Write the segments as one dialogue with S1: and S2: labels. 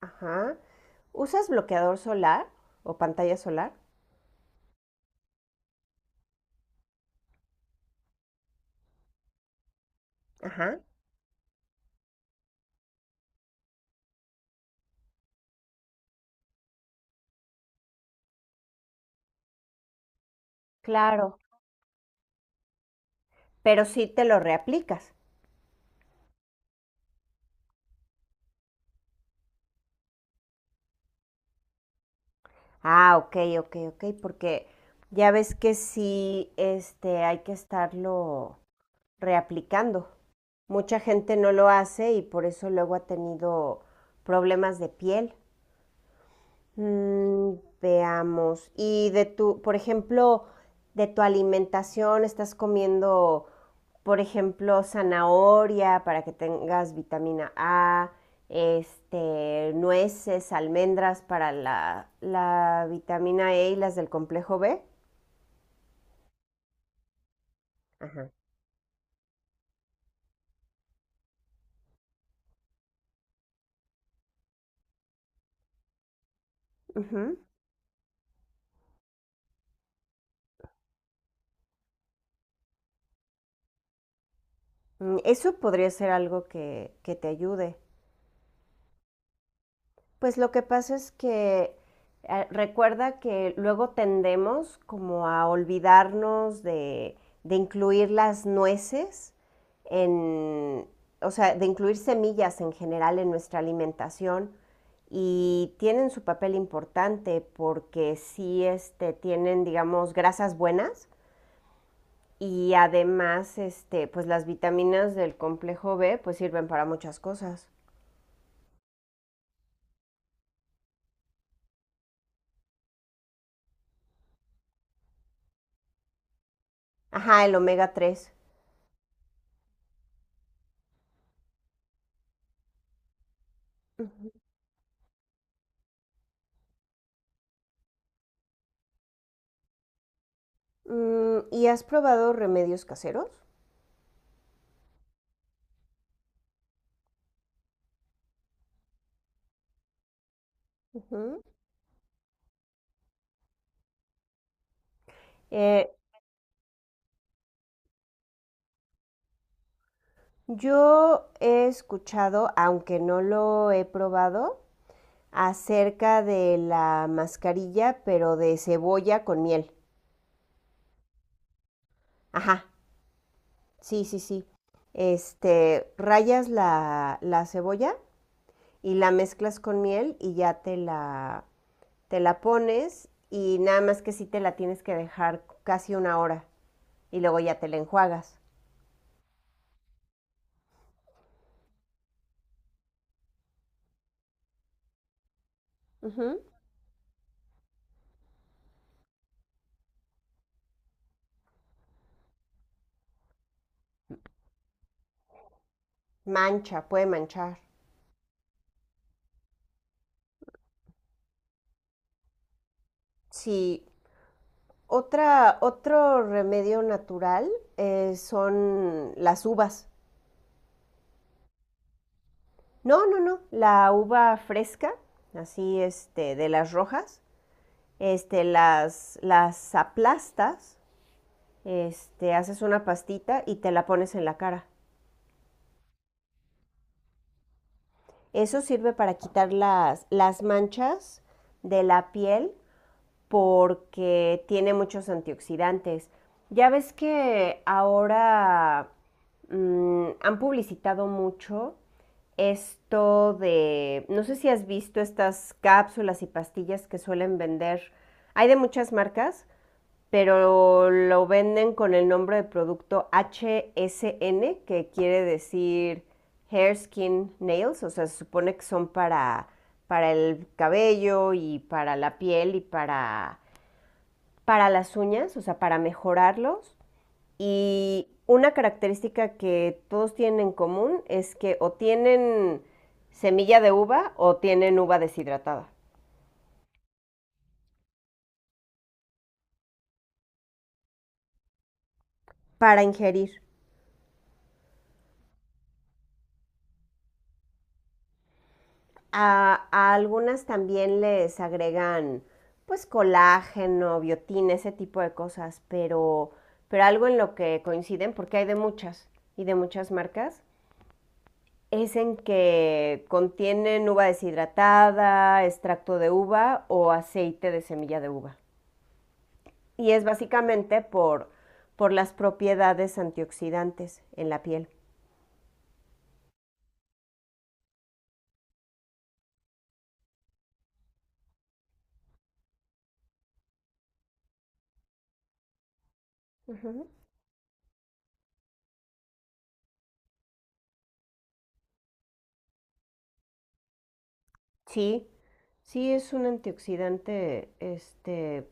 S1: Ajá. ¿Usas bloqueador solar o pantalla solar? Ajá. Claro. Pero sí te lo reaplicas. Ah, ok, ok, ok, porque ya ves que sí, hay que estarlo reaplicando. Mucha gente no lo hace y por eso luego ha tenido problemas de piel. Mm, veamos. Y de tu, por ejemplo, de tu alimentación, ¿estás comiendo, por ejemplo, zanahoria para que tengas vitamina A, nueces, almendras para la vitamina E y las del complejo B? Ujú. Mm, eso podría ser algo que te ayude. Pues lo que pasa es que recuerda que luego tendemos como a olvidarnos de incluir las nueces en, o sea, de incluir semillas en general en nuestra alimentación y tienen su papel importante porque sí tienen, digamos, grasas buenas y además, este, pues las vitaminas del complejo B pues sirven para muchas cosas. Ajá, el omega 3. Mm, ¿y has probado remedios caseros? Ujú. Eh, yo he escuchado, aunque no lo he probado, acerca de la mascarilla, pero de cebolla con miel. Ajá, sí, sí, sí. Este, rayas la cebolla y la mezclas con miel y ya te la pones y nada más que sí te la tienes que dejar casi una hora y luego ya te la enjuagas. Ujú. Mancha, puede manchar. Sí. Otro remedio natural son las uvas. No, no, no. La uva fresca, así este, de las rojas, este, las aplastas, este, haces una pastita y te la pones en la cara. Eso sirve para quitar las manchas de la piel porque tiene muchos antioxidantes. Ya ves que ahora han publicitado mucho esto de, no sé si has visto estas cápsulas y pastillas que suelen vender. Hay de muchas marcas, pero lo venden con el nombre de producto HSN, que quiere decir Hair, Skin, Nails, o sea, se supone que son para el cabello y para la piel y para las uñas, o sea, para mejorarlos. Y una característica que todos tienen en común es que o tienen semilla de uva o tienen uva deshidratada para ingerir. A algunas también les agregan pues colágeno, biotina, ese tipo de cosas, pero algo en lo que coinciden, porque hay de muchas y de muchas marcas, es en que contienen uva deshidratada, extracto de uva o aceite de semilla de uva. Y es básicamente por las propiedades antioxidantes en la piel. Ujú. Sí, sí es un antioxidante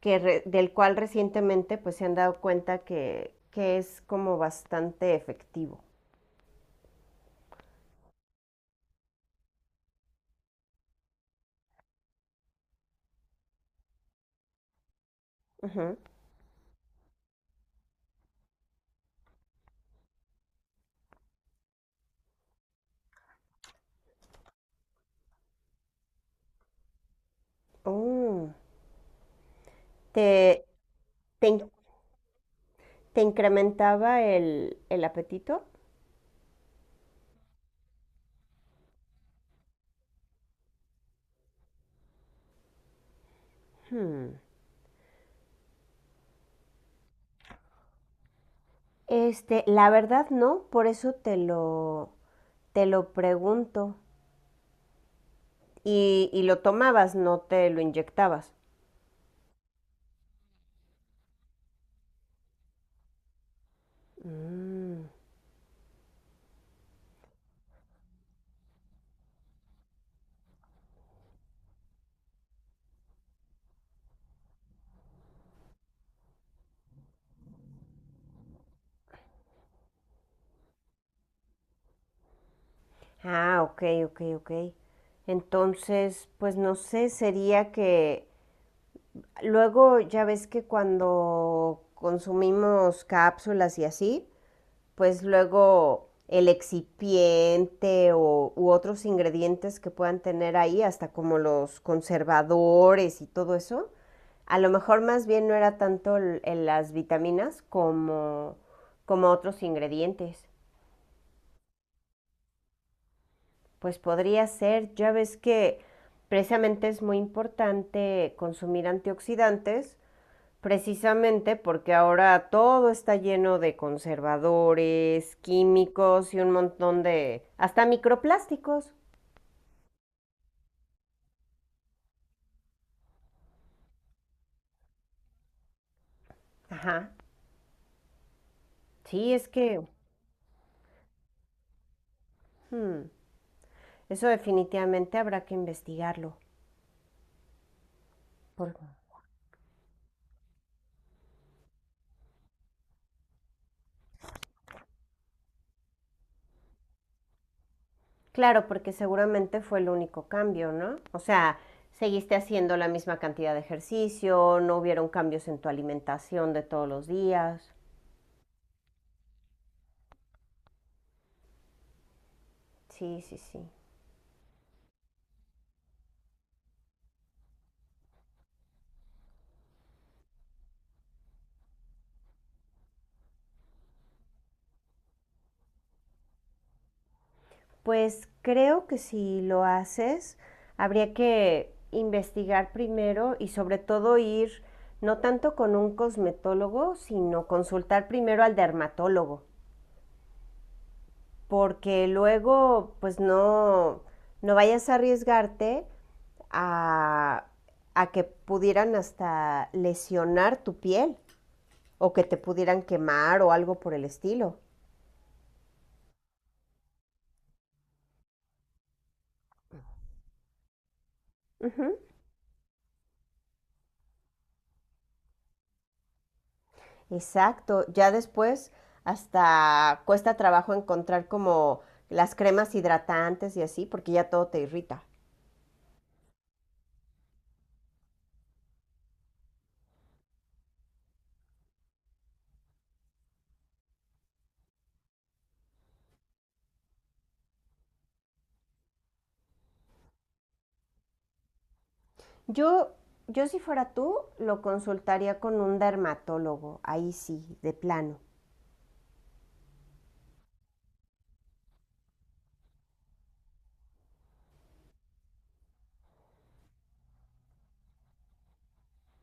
S1: del cual recientemente pues, se han dado cuenta que es como bastante efectivo. Ujú. Oh, ¿Te, te in- ¿te incrementaba el apetito? Hmm. Este, la verdad no, por eso te lo pregunto. Y lo tomabas, no te lo inyectabas. Mm. Ah, ok, ok, ok. Entonces, pues no sé, sería que luego ya ves que cuando consumimos cápsulas y así, pues luego el excipiente o, u otros ingredientes que puedan tener ahí, hasta como los conservadores y todo eso, a lo mejor más bien no era tanto en las vitaminas como, como otros ingredientes. Pues podría ser, ya ves que precisamente es muy importante consumir antioxidantes, precisamente porque ahora todo está lleno de conservadores, químicos y un montón de hasta microplásticos. Ajá. Sí, es que hmm, eso definitivamente habrá que investigarlo. Por- Claro, porque seguramente fue el único cambio, ¿no? O sea, seguiste haciendo la misma cantidad de ejercicio, no hubieron cambios en tu alimentación de todos los días. Sí, sí, sí. Pues creo que si lo haces, habría que investigar primero y sobre todo ir no tanto con un cosmetólogo, sino consultar primero al dermatólogo, porque luego pues no, no vayas a arriesgarte a, a que pudieran hasta lesionar tu piel o que te pudieran quemar o algo por el estilo. Ujú. Exacto, ya después hasta cuesta trabajo encontrar como las cremas hidratantes y así, porque ya todo te irrita. Yo, yo si fuera tú, lo consultaría con un dermatólogo, ahí sí, de plano.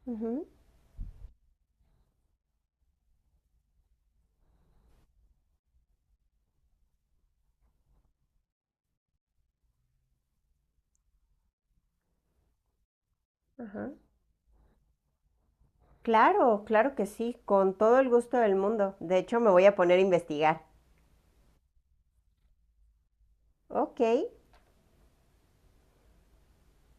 S1: Ujú. Ajá. Claro, claro que sí, con todo el gusto del mundo. De hecho, me voy a poner a investigar. Ok,